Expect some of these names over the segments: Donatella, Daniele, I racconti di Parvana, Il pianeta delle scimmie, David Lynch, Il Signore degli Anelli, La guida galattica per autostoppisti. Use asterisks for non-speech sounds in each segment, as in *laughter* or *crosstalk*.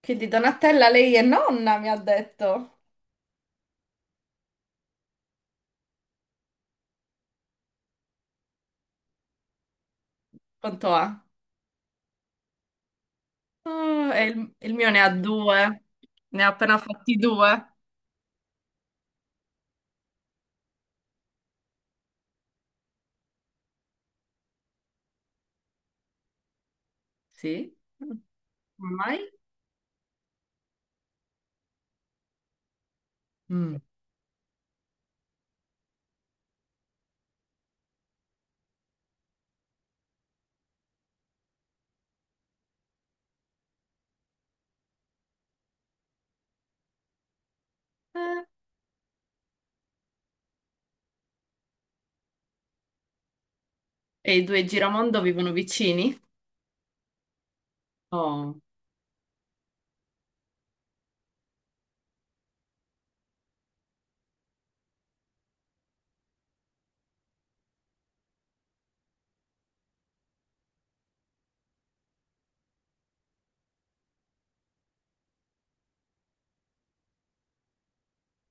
Quindi Donatella, lei è nonna, mi ha detto. Quanto ha? Oh, e il mio ne ha due. Ne ha appena fatti due. Sì? Come mai? Mm. Eh, E i due Giramondo vivono vicini? Oh.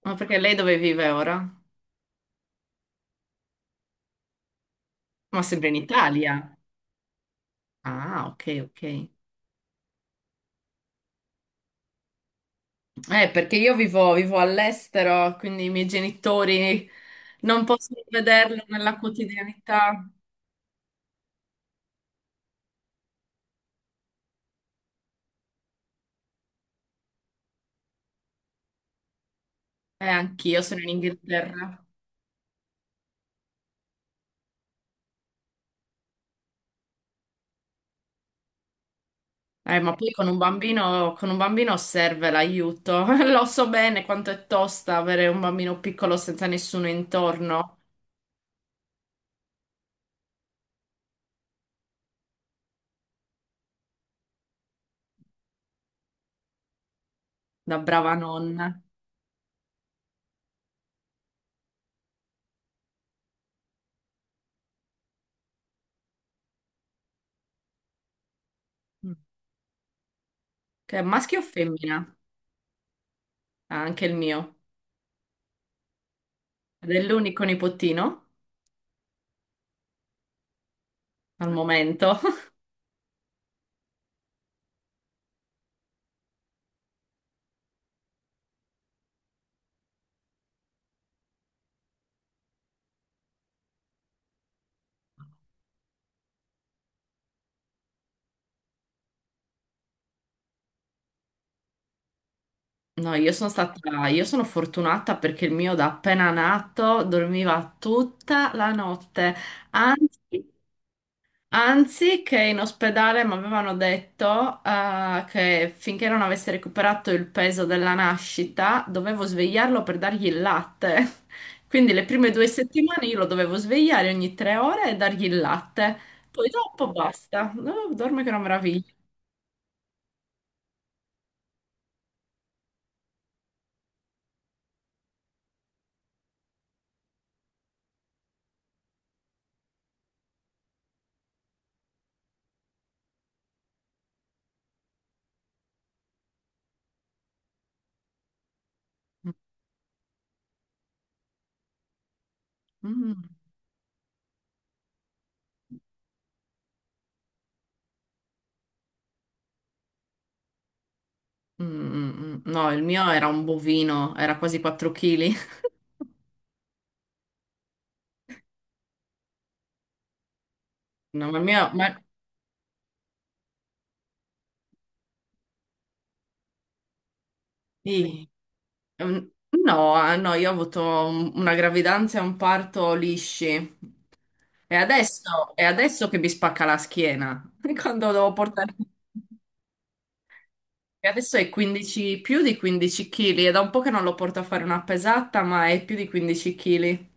Ma perché lei dove vive ora? Ma sempre in Italia. Ah, ok, ok. Perché io vivo all'estero, quindi i miei genitori non possono vederlo nella quotidianità. Anch'io sono in Inghilterra. Ma poi con un bambino serve l'aiuto. *laughs* Lo so bene quanto è tosta avere un bambino piccolo senza nessuno intorno, da brava nonna. Mm. Che è maschio o femmina? Ah, anche il mio. Ed è l'unico nipotino al momento. *laughs* No, io sono fortunata perché il mio da appena nato dormiva tutta la notte. Anzi, Anzi, che in ospedale mi avevano detto che finché non avesse recuperato il peso della nascita, dovevo svegliarlo per dargli il latte. *laughs* Quindi le prime 2 settimane io lo dovevo svegliare ogni 3 ore e dargli il latte. Poi dopo basta. Oh, dorme che è una meraviglia. Mm. Mm, mm, mm. No, il mio era un bovino, era quasi 4 kg. *laughs* No, ma il mio... Ma... sì. Mm, no, no, io ho avuto una gravidanza e un parto lisci. È adesso che mi spacca la schiena. *laughs* Quando devo portare... E adesso è 15, più di 15 kg. È da un po' che non lo porto a fare una pesata, ma è più di 15 kg.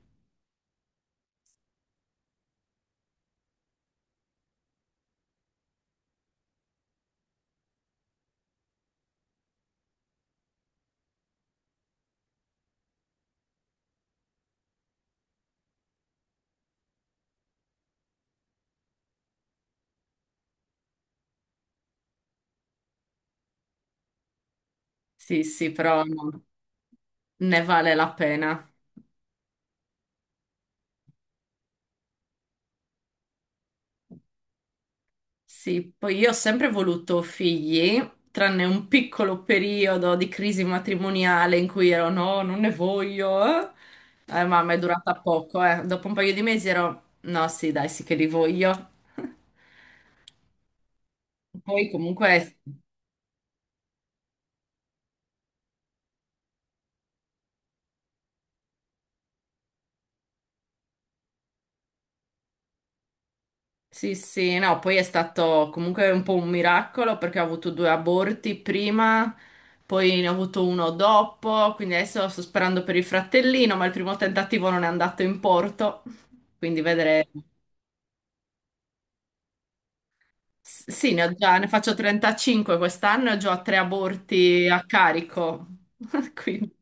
Sì, sì, però no, ne vale la pena. Sì, poi io ho sempre voluto figli, tranne un piccolo periodo di crisi matrimoniale in cui ero no, non ne voglio. Mamma, è durata poco, eh. Dopo un paio di mesi ero no, sì, dai, sì che li voglio. *laughs* Poi comunque, sì, sì, no, poi è stato comunque un po' un miracolo perché ho avuto due aborti prima, poi ne ho avuto uno dopo, quindi adesso sto sperando per il fratellino, ma il primo tentativo non è andato in porto, quindi vedremo. Sì, ne faccio 35 quest'anno e ho già tre aborti a carico. *laughs* Quindi,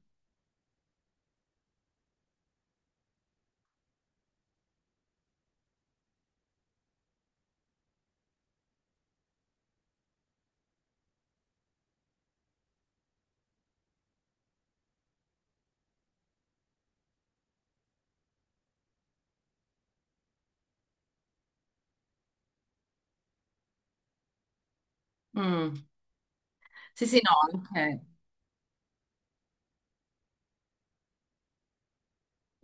mm. Sì, sì, no,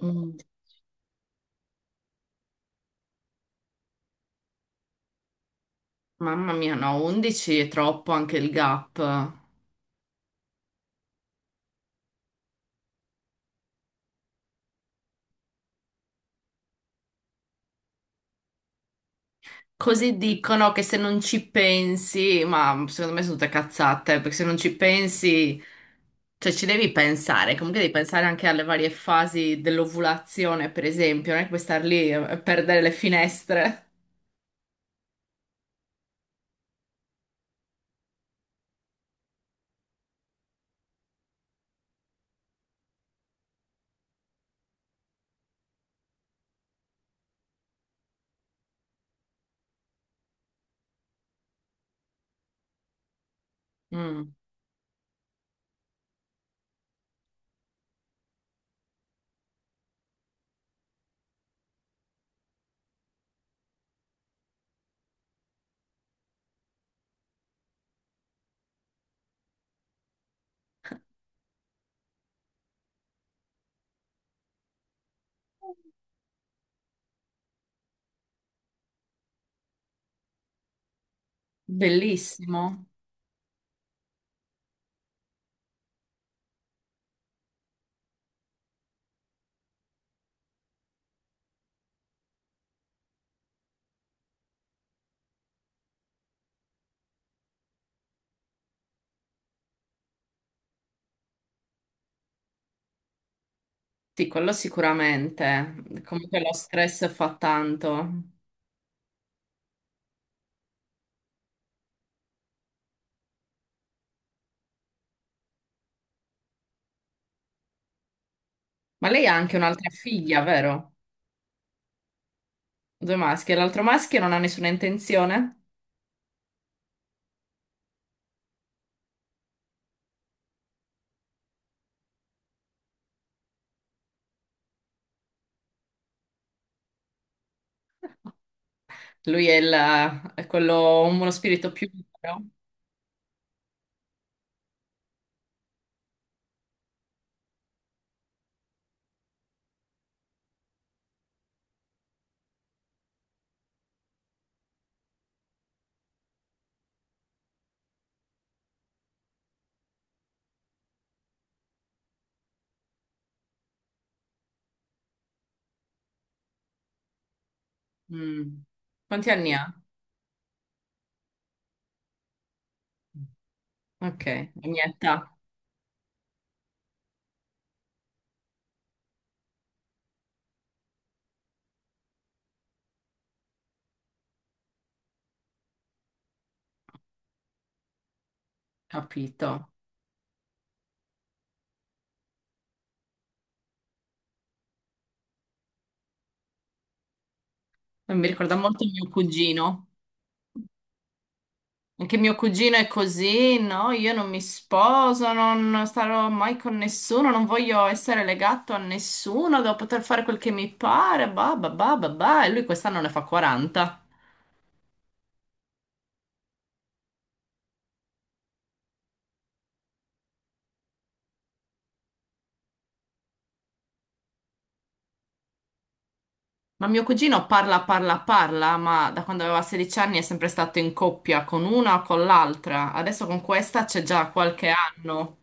mm. Mamma mia, no, 11 è troppo anche il gap. Così dicono che se non ci pensi, ma secondo me sono tutte cazzate, perché se non ci pensi, cioè ci devi pensare, comunque devi pensare anche alle varie fasi dell'ovulazione, per esempio, non è che puoi star lì e perdere le finestre. Mm. Bellissimo. Sì, quello sicuramente. Comunque lo stress fa tanto. Ma lei ha anche un'altra figlia, vero? Due maschi. E l'altro maschio non ha nessuna intenzione? Lui è quello, uno spirito più libero? Mm. Quanti anni ha? Ok, la mia età, capito. Mi ricorda molto mio cugino. Anche mio cugino è così, no? Io non mi sposo, non starò mai con nessuno, non voglio essere legato a nessuno, devo poter fare quel che mi pare, bah, bah, bah, bah, bah. E lui quest'anno ne fa 40. Ma mio cugino parla, parla, parla, ma da quando aveva 16 anni è sempre stato in coppia con una o con l'altra. Adesso con questa c'è già qualche anno.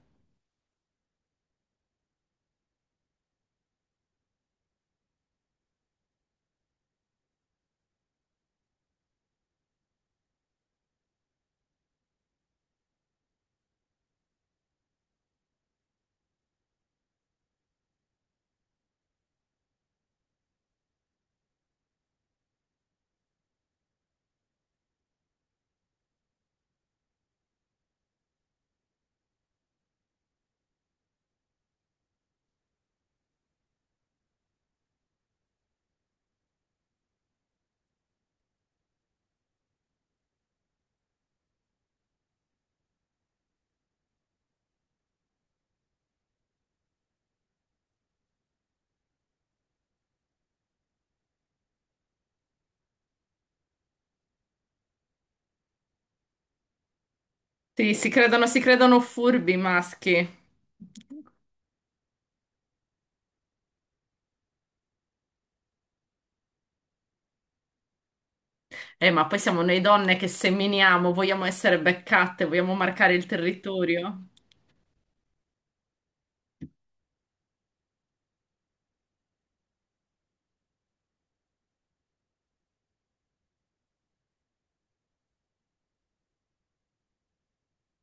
Sì, si credono furbi i maschi. Ma poi siamo noi donne che seminiamo, vogliamo essere beccate, vogliamo marcare il territorio.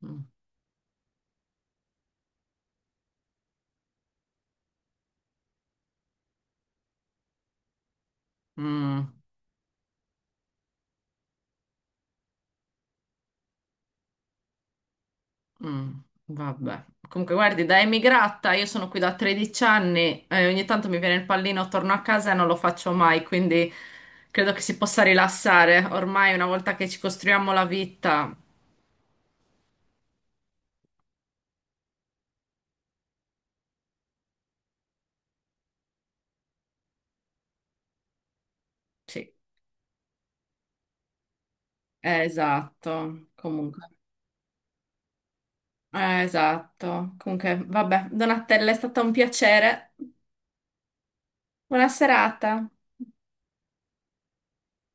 Mm, mm, mm, vabbè. Comunque, guardi, da emigrata, io sono qui da 13 anni e ogni tanto mi viene il pallino, torno a casa e non lo faccio mai, quindi credo che si possa rilassare. Ormai, una volta che ci costruiamo la vita, sì, esatto. Comunque, esatto. Comunque, vabbè, Donatella, è stato un piacere. Buona serata.